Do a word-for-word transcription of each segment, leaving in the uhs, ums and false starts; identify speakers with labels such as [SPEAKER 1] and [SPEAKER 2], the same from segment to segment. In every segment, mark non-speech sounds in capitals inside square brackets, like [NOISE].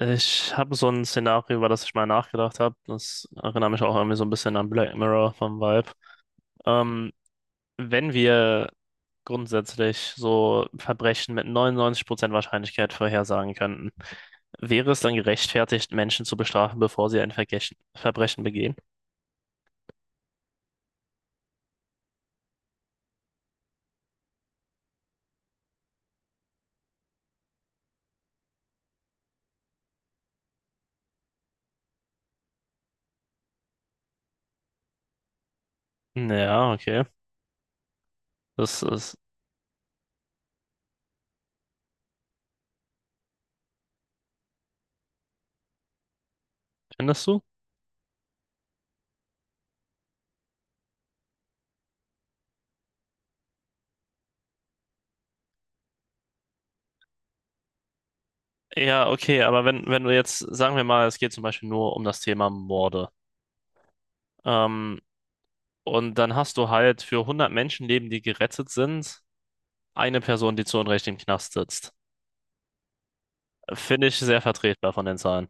[SPEAKER 1] Ich habe so ein Szenario, über das ich mal nachgedacht habe. Das erinnert mich auch irgendwie so ein bisschen an Black Mirror vom Vibe. Ähm, Wenn wir grundsätzlich so Verbrechen mit neunundneunzig Prozent Wahrscheinlichkeit vorhersagen könnten, wäre es dann gerechtfertigt, Menschen zu bestrafen, bevor sie ein Vergechen- Verbrechen begehen? Ja, okay. Das ist, findest du? Ja, okay, aber wenn, wenn du jetzt, sagen wir mal, es geht zum Beispiel nur um das Thema Morde. Ähm, und dann hast du halt für hundert Menschenleben, die gerettet sind, eine Person, die zu Unrecht im Knast sitzt. Finde ich sehr vertretbar von den Zahlen.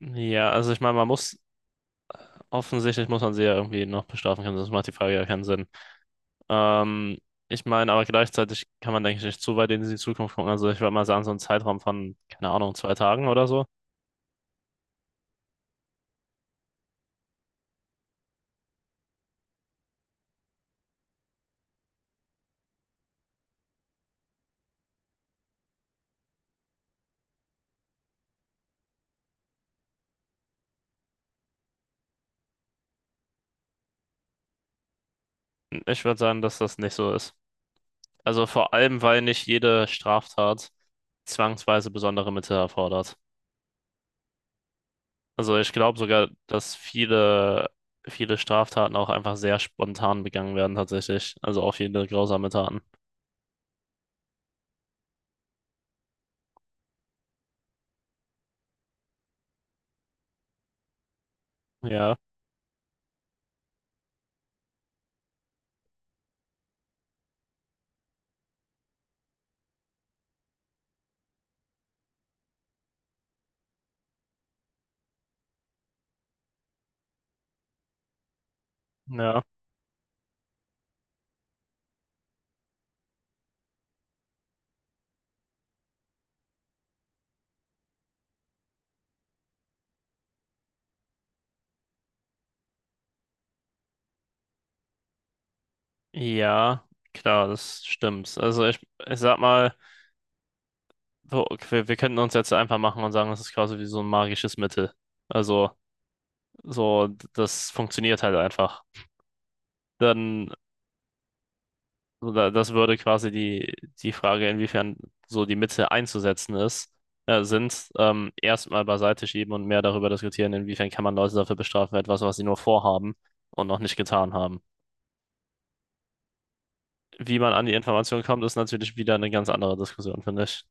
[SPEAKER 1] Ja, also ich meine, man muss, offensichtlich muss man sie ja irgendwie noch bestrafen können, sonst macht die Frage ja keinen Sinn. Ähm, Ich meine, aber gleichzeitig kann man, denke ich, nicht zu weit in die Zukunft gucken. Also ich würde mal sagen, so einen Zeitraum von, keine Ahnung, zwei Tagen oder so. Ich würde sagen, dass das nicht so ist. Also vor allem, weil nicht jede Straftat zwangsweise besondere Mittel erfordert. Also ich glaube sogar, dass viele, viele Straftaten auch einfach sehr spontan begangen werden tatsächlich. Also auch viele grausame Taten. Ja, ja. Ja, klar, das stimmt. Also ich, ich sag mal, so, okay, wir, wir könnten uns jetzt einfach machen und sagen, das ist quasi wie so ein magisches Mittel. Also so, das funktioniert halt einfach. Dann So, da, das würde quasi die, die Frage, inwiefern so die Mittel einzusetzen ist, äh, sind, ähm, erstmal beiseite schieben und mehr darüber diskutieren, inwiefern kann man Leute dafür bestrafen, für etwas, was sie nur vorhaben und noch nicht getan haben. Wie man an die Information kommt, ist natürlich wieder eine ganz andere Diskussion, finde ich.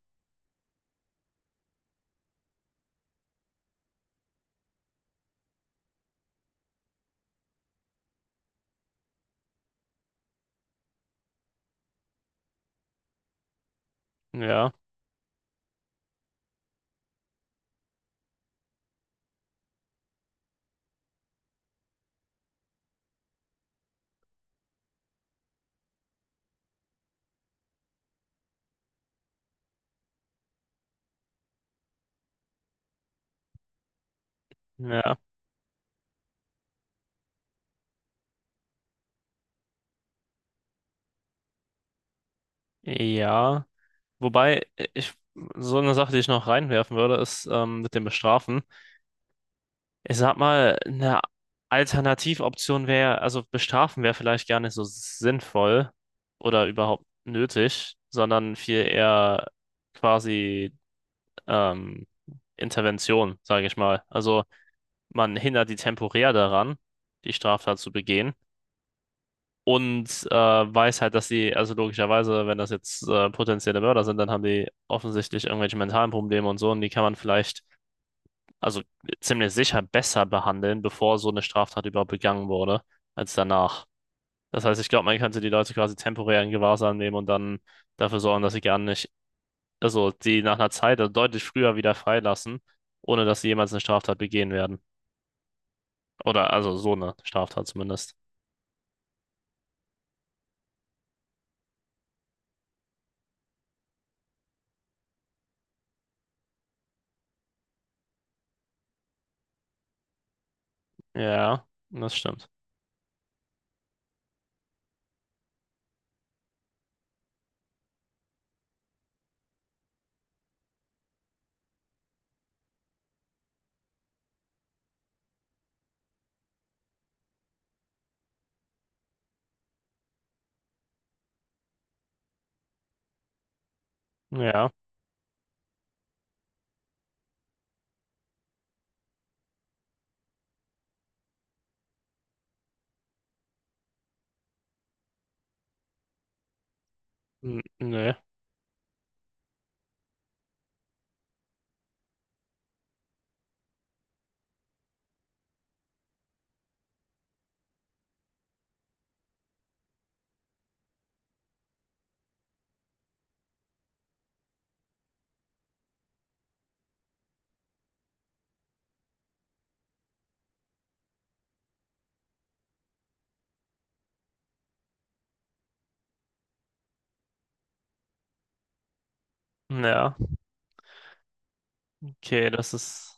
[SPEAKER 1] Ja, ja, ja. Wobei, äh, ich, so eine Sache, die ich noch reinwerfen würde, ist, ähm, mit dem Bestrafen. Ich sag mal, eine Alternativoption wäre, also bestrafen wäre vielleicht gar nicht so sinnvoll oder überhaupt nötig, sondern viel eher quasi ähm, Intervention, sage ich mal. Also man hindert die temporär daran, die Straftat zu begehen und äh, weiß halt, dass sie, also logischerweise, wenn das jetzt äh, potenzielle Mörder sind, dann haben die offensichtlich irgendwelche mentalen Probleme und so und die kann man vielleicht also ziemlich sicher besser behandeln, bevor so eine Straftat überhaupt begangen wurde, als danach. Das heißt, ich glaube, man könnte die Leute quasi temporär in Gewahrsam nehmen und dann dafür sorgen, dass sie gar nicht, also die nach einer Zeit also deutlich früher wieder freilassen, ohne dass sie jemals eine Straftat begehen werden. Oder also so eine Straftat zumindest. Ja, das stimmt. Ja, N- nö. Ja, okay, das ist.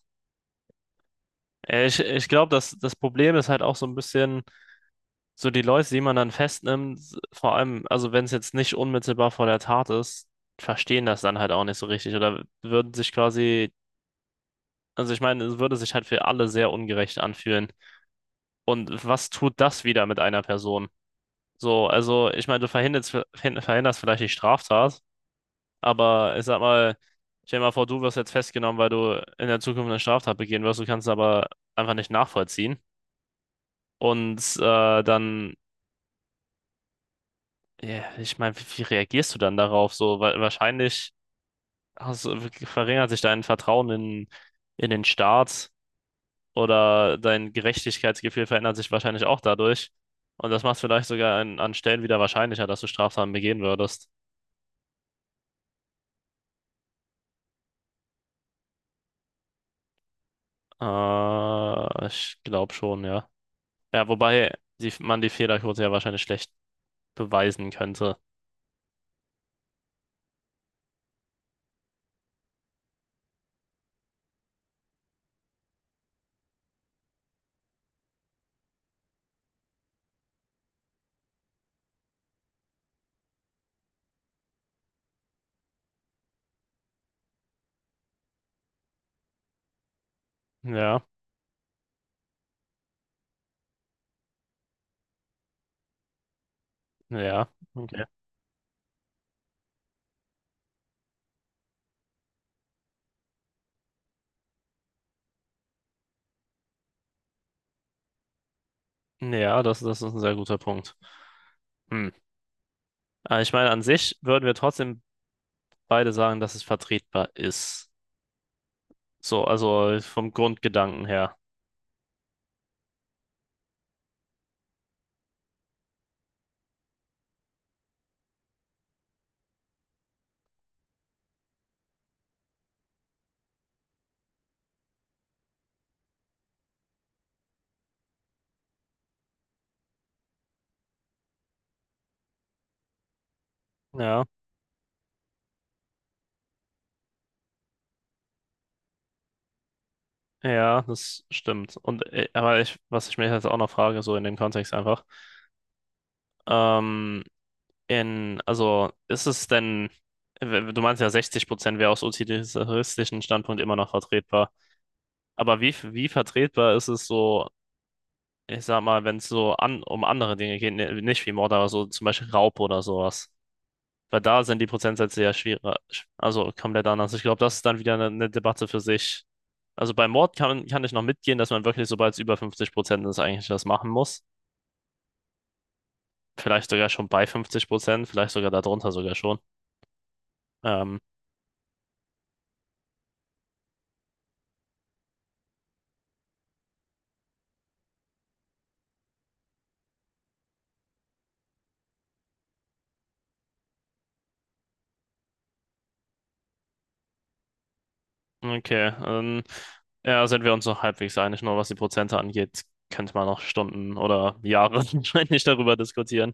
[SPEAKER 1] Äh, Ich, ich glaube, das, das Problem ist halt auch so ein bisschen. So die Leute, die man dann festnimmt, vor allem, also wenn es jetzt nicht unmittelbar vor der Tat ist, verstehen das dann halt auch nicht so richtig oder würden sich quasi, also ich meine, es würde sich halt für alle sehr ungerecht anfühlen. Und was tut das wieder mit einer Person? So, also ich meine, du verhinderst, verhinderst vielleicht die Straftat, aber ich sag mal, stell dir mal vor, du wirst jetzt festgenommen, weil du in der Zukunft eine Straftat begehen wirst, du kannst es aber einfach nicht nachvollziehen. Und äh, dann ja, ich meine, wie, wie reagierst du dann darauf? So, weil wahrscheinlich hast, du- verringert sich dein Vertrauen in, in den Staat oder dein Gerechtigkeitsgefühl verändert sich wahrscheinlich auch dadurch. Und das macht es vielleicht sogar an, an Stellen wieder wahrscheinlicher, dass du Straftaten begehen würdest. Äh, ich glaube schon, ja. Ja, wobei die, man die Fehlerquote ja wahrscheinlich schlecht beweisen könnte. Ja, ja, okay. Ja, das, das ist ein sehr guter Punkt. Hm. Aber ich meine, an sich würden wir trotzdem beide sagen, dass es vertretbar ist. So, also vom Grundgedanken her. Ja, ja, das stimmt. Und äh, aber ich, was ich mich jetzt auch noch frage, so in dem Kontext einfach, ähm, in, also ist es denn, w- du meinst ja sechzig Prozent wäre aus utilitaristischen Standpunkt immer noch vertretbar. Aber wie, wie vertretbar ist es so, ich sag mal, wenn es so an, um andere Dinge geht, ne- nicht wie Mord, aber so zum Beispiel Raub oder sowas? Weil da sind die Prozentsätze ja schwieriger, also komplett anders. Ich glaube, das ist dann wieder eine, eine Debatte für sich. Also bei Mord kann, kann ich noch mitgehen, dass man wirklich, sobald es über fünfzig Prozent ist, eigentlich das machen muss. Vielleicht sogar schon bei fünfzig Prozent, vielleicht sogar darunter sogar schon. Ähm, okay, ähm, ja, sind wir uns noch halbwegs einig, nur was die Prozente angeht, könnte man noch Stunden oder Jahre [LAUGHS] wahrscheinlich darüber diskutieren.